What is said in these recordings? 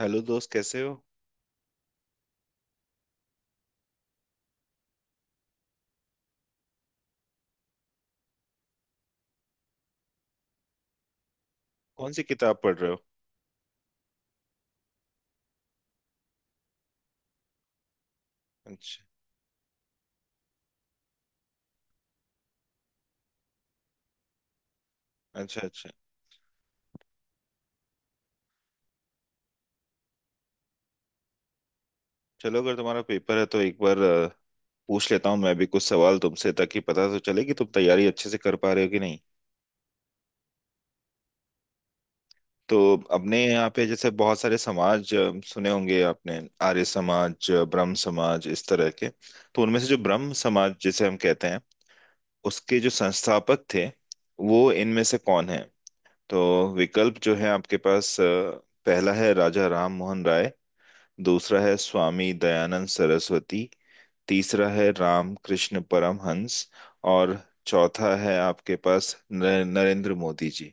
Hello दोस्त, कैसे हो? कौन सी किताब पढ़ रहे हो? अच्छा, अच्छा, अच्छा। चलो, अगर तुम्हारा पेपर है तो एक बार पूछ लेता हूँ मैं भी कुछ सवाल तुमसे, ताकि पता तो चले कि तुम तैयारी अच्छे से कर पा रहे हो कि नहीं। तो अपने यहाँ पे जैसे बहुत सारे समाज सुने होंगे आपने, आर्य समाज, ब्रह्म समाज, इस तरह के। तो उनमें से जो ब्रह्म समाज जिसे हम कहते हैं, उसके जो संस्थापक थे वो इनमें से कौन है? तो विकल्प जो है आपके पास, पहला है राजा राम मोहन राय, दूसरा है स्वामी दयानंद सरस्वती, तीसरा है रामकृष्ण परमहंस, और चौथा है आपके पास नरेंद्र मोदी जी।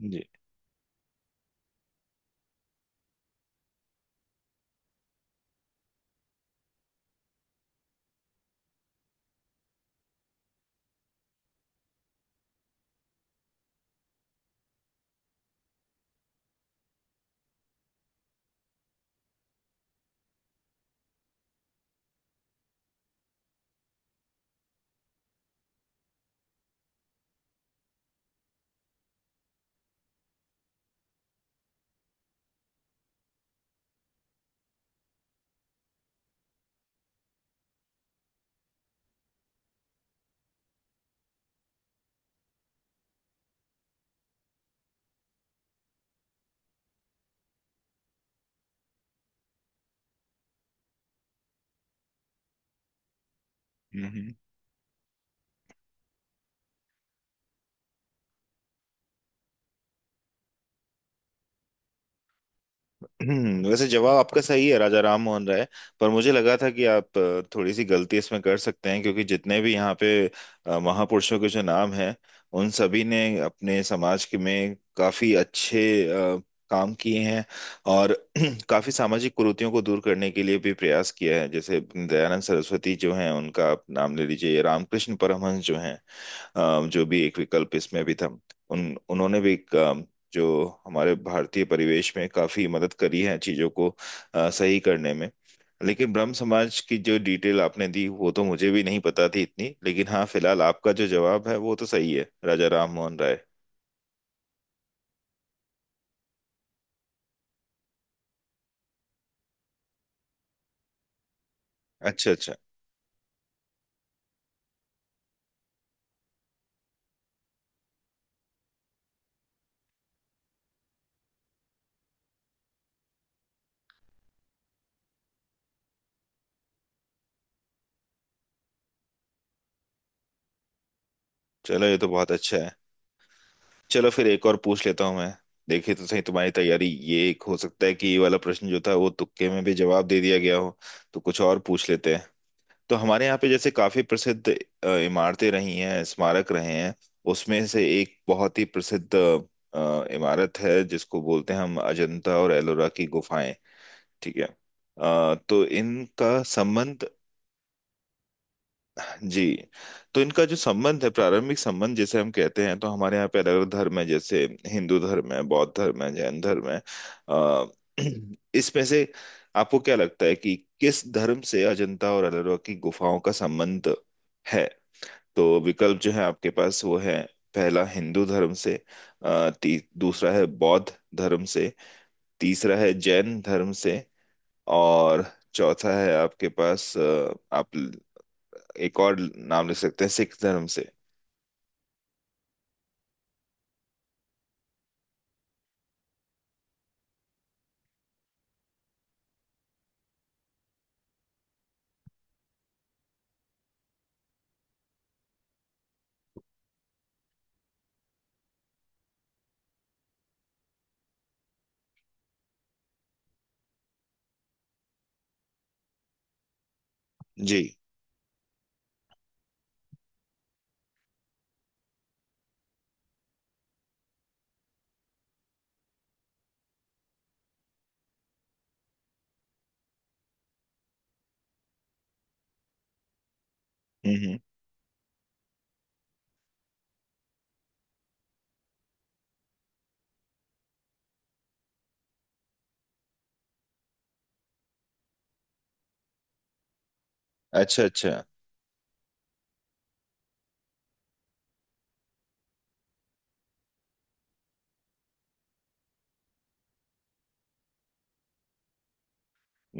जी। हम्म। वैसे जवाब आपका सही है, राजा राम मोहन राय। पर मुझे लगा था कि आप थोड़ी सी गलती इसमें कर सकते हैं, क्योंकि जितने भी यहाँ पे महापुरुषों के जो नाम हैं, उन सभी ने अपने समाज के में काफी अच्छे काम किए हैं, और काफी सामाजिक कुरीतियों को दूर करने के लिए भी प्रयास किया है। जैसे दयानंद सरस्वती जो हैं उनका आप नाम ले लीजिए, रामकृष्ण परमहंस जो हैं, जो भी एक विकल्प इसमें भी था, उन उन्होंने भी एक, जो हमारे भारतीय परिवेश में काफी मदद करी है चीजों को सही करने में। लेकिन ब्रह्म समाज की जो डिटेल आपने दी वो तो मुझे भी नहीं पता थी इतनी, लेकिन हाँ, फिलहाल आपका जो जवाब है वो तो सही है, राजा राम मोहन राय। अच्छा, अच्छा। चलो, ये तो बहुत अच्छा है। चलो फिर एक और पूछ लेता हूँ मैं, देखे तो सही तुम्हारी तैयारी। ये एक हो सकता है कि ये वाला प्रश्न जो था वो तुक्के में भी जवाब दे दिया गया हो, तो कुछ और पूछ लेते हैं। तो हमारे यहाँ पे जैसे काफी प्रसिद्ध इमारतें रही हैं, स्मारक रहे हैं। उसमें से एक बहुत ही प्रसिद्ध इमारत है जिसको बोलते हैं हम अजंता और एलोरा की गुफाएं। ठीक है? तो इनका संबंध। जी। तो इनका जो संबंध है, प्रारंभिक संबंध जिसे हम कहते हैं, तो हमारे यहाँ पे अलग अलग धर्म है, जैसे हिंदू धर्म है, बौद्ध धर्म है, जैन धर्म है। अ, इसमें से आपको क्या लगता है कि किस धर्म से अजंता और एलोरा की गुफाओं का संबंध है? तो विकल्प जो है आपके पास वो है, पहला हिंदू धर्म से, दूसरा है बौद्ध धर्म से, तीसरा है जैन धर्म से, और चौथा है आपके पास, आप एक और नाम लिख सकते हैं, सिख धर्म से। जी। हम्म। हम्म। अच्छा, अच्छा।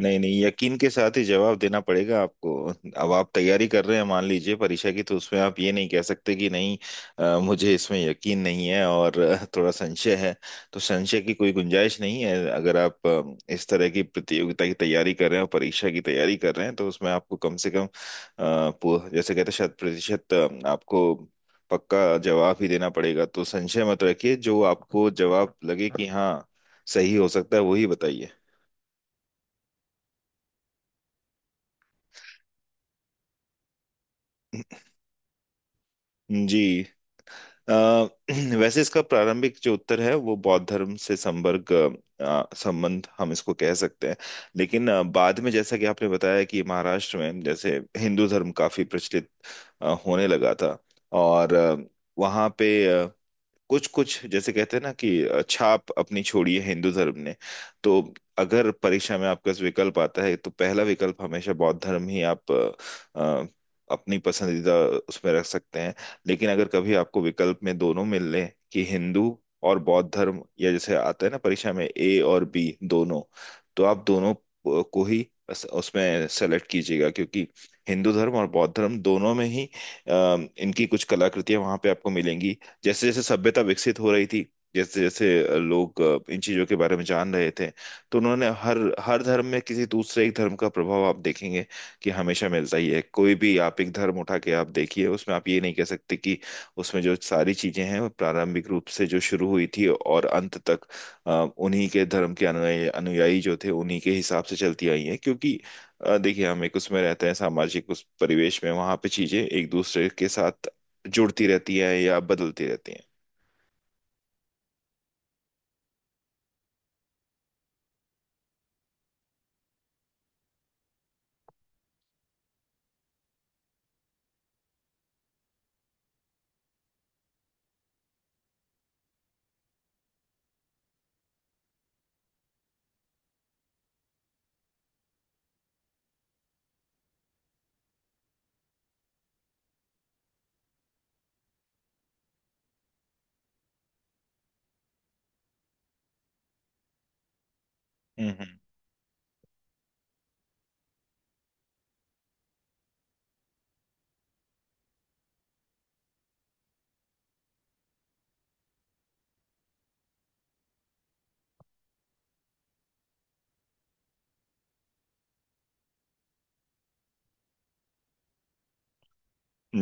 नहीं नहीं, यकीन के साथ ही जवाब देना पड़ेगा आपको। अब आप तैयारी कर रहे हैं, मान लीजिए परीक्षा की, तो उसमें आप ये नहीं कह सकते कि नहीं, मुझे इसमें यकीन नहीं है और थोड़ा संशय है। तो संशय की कोई गुंजाइश नहीं है, अगर आप इस तरह की प्रतियोगिता की तैयारी कर रहे हैं और परीक्षा की तैयारी कर रहे हैं, तो उसमें आपको कम से कम जैसे कहते हैं शत प्रतिशत आपको पक्का जवाब ही देना पड़ेगा। तो संशय मत रखिए, जो आपको जवाब लगे कि हाँ सही हो सकता है वही बताइए। जी। अ, वैसे इसका प्रारंभिक जो उत्तर है वो बौद्ध धर्म से संपर्क, संबंध हम इसको कह सकते हैं। लेकिन बाद में, जैसा कि आपने बताया कि महाराष्ट्र में जैसे हिंदू धर्म काफी प्रचलित होने लगा था, और वहाँ पे कुछ कुछ जैसे कहते हैं ना कि छाप अपनी छोड़ी है हिंदू धर्म ने, तो अगर परीक्षा में आपका विकल्प आता है तो पहला विकल्प हमेशा बौद्ध धर्म ही आप अ, अपनी पसंदीदा उसमें रख सकते हैं। लेकिन अगर कभी आपको विकल्प में दोनों मिल लें कि हिंदू और बौद्ध धर्म, या जैसे आता है ना परीक्षा में ए और बी दोनों, तो आप दोनों को ही बस उसमें सेलेक्ट कीजिएगा, क्योंकि हिंदू धर्म और बौद्ध धर्म दोनों में ही अ, इनकी कुछ कलाकृतियां वहां पे आपको मिलेंगी। जैसे जैसे सभ्यता विकसित हो रही थी, जैसे जैसे लोग इन चीजों के बारे में जान रहे थे, तो उन्होंने हर हर धर्म में किसी दूसरे एक धर्म का प्रभाव आप देखेंगे कि हमेशा मिलता ही है। कोई भी आप एक धर्म उठा के आप देखिए, उसमें आप ये नहीं कह सकते कि उसमें जो सारी चीजें हैं वो प्रारंभिक रूप से जो शुरू हुई थी और अंत तक अ, उन्हीं के धर्म के अनुयायी अनुयायी जो थे उन्हीं के हिसाब से चलती आई हैं। क्योंकि देखिए हम एक उसमें रहते हैं सामाजिक उस परिवेश में, वहां पे चीजें एक दूसरे के साथ जुड़ती रहती है या बदलती रहती है। हम्म।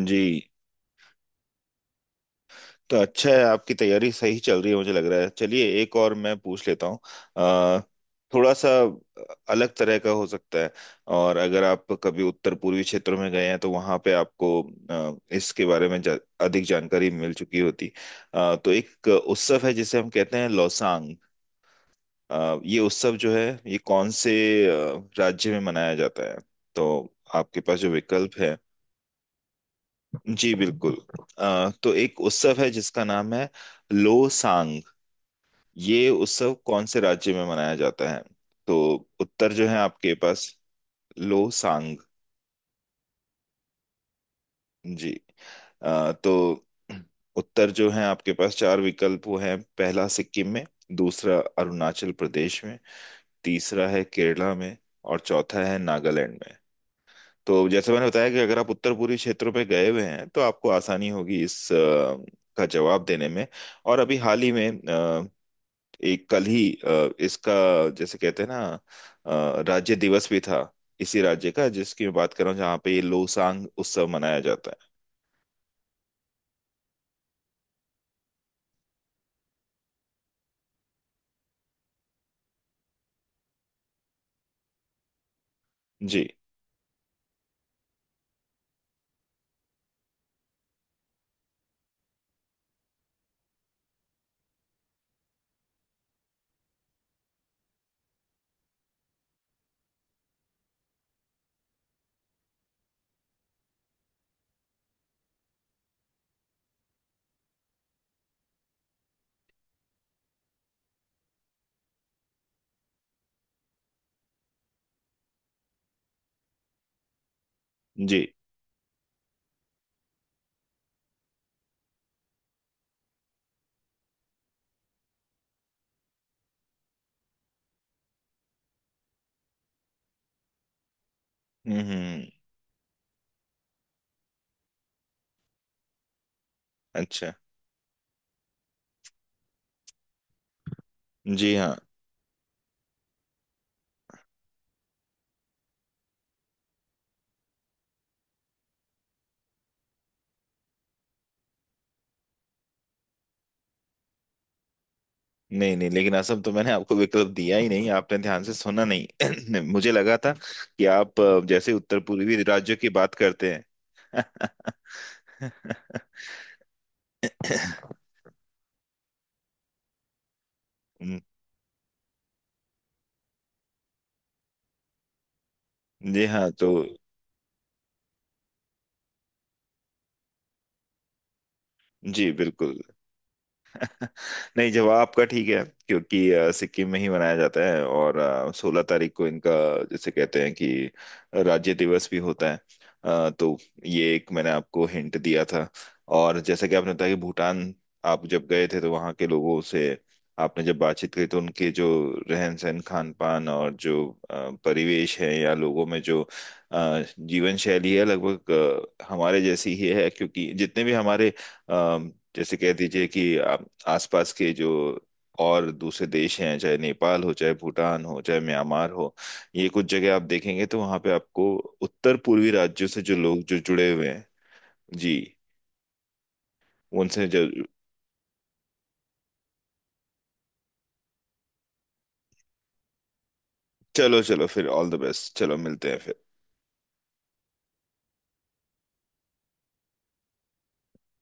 जी। तो अच्छा है, आपकी तैयारी सही चल रही है मुझे लग रहा है। चलिए एक और मैं पूछ लेता हूँ, अ, थोड़ा सा अलग तरह का हो सकता है। और अगर आप कभी उत्तर पूर्वी क्षेत्र में गए हैं तो वहाँ पे आपको इसके बारे में अधिक जानकारी मिल चुकी होती। तो एक उत्सव है जिसे हम कहते हैं लौसांग। ये उत्सव जो है, ये कौन से राज्य में मनाया जाता है? तो आपके पास जो विकल्प है। जी बिल्कुल। तो एक उत्सव है जिसका नाम है लोसांग। ये उत्सव कौन से राज्य में मनाया जाता है? तो उत्तर जो है आपके पास। लोसांग। जी। तो उत्तर जो है आपके पास चार विकल्प, वो हैं पहला सिक्किम में, दूसरा अरुणाचल प्रदेश में, तीसरा है केरला में, और चौथा है नागालैंड में। तो जैसे मैंने बताया कि अगर आप उत्तर पूर्वी क्षेत्रों पे गए हुए हैं तो आपको आसानी होगी इस का जवाब देने में। और अभी हाल ही में एक कल ही इसका, जैसे कहते हैं ना, राज्य दिवस भी था इसी राज्य का, जिसकी मैं बात कर रहा हूँ, जहाँ पे ये लोसांग उत्सव मनाया जाता है। जी। जी। हम्म। अच्छा। जी हाँ। नहीं नहीं, लेकिन असम तो मैंने आपको विकल्प दिया ही नहीं, आपने ध्यान से सुना नहीं। मुझे लगा था कि आप जैसे उत्तर पूर्वी राज्यों की बात करते हैं। हम्म, जी हाँ तो। जी बिल्कुल। नहीं, जवाब आपका ठीक है, क्योंकि सिक्किम में ही मनाया जाता है, और 16 तारीख को इनका, जैसे कहते हैं कि, राज्य दिवस भी होता है। तो ये एक मैंने आपको हिंट दिया था। और जैसा कि आपने बताया कि भूटान आप जब गए थे तो वहाँ के लोगों से आपने जब बातचीत की तो उनके जो रहन सहन, खान पान, और जो परिवेश है या लोगों में जो जीवन शैली है, लगभग हमारे जैसी ही है। क्योंकि जितने भी हमारे, जैसे कह दीजिए कि आसपास के जो और दूसरे देश हैं, चाहे नेपाल हो, चाहे भूटान हो, चाहे म्यांमार हो, ये कुछ जगह आप देखेंगे तो वहां पे आपको उत्तर पूर्वी राज्यों से जो लोग जो जुड़े हुए हैं। जी। उनसे जो। चलो चलो, फिर ऑल द बेस्ट। चलो मिलते हैं फिर।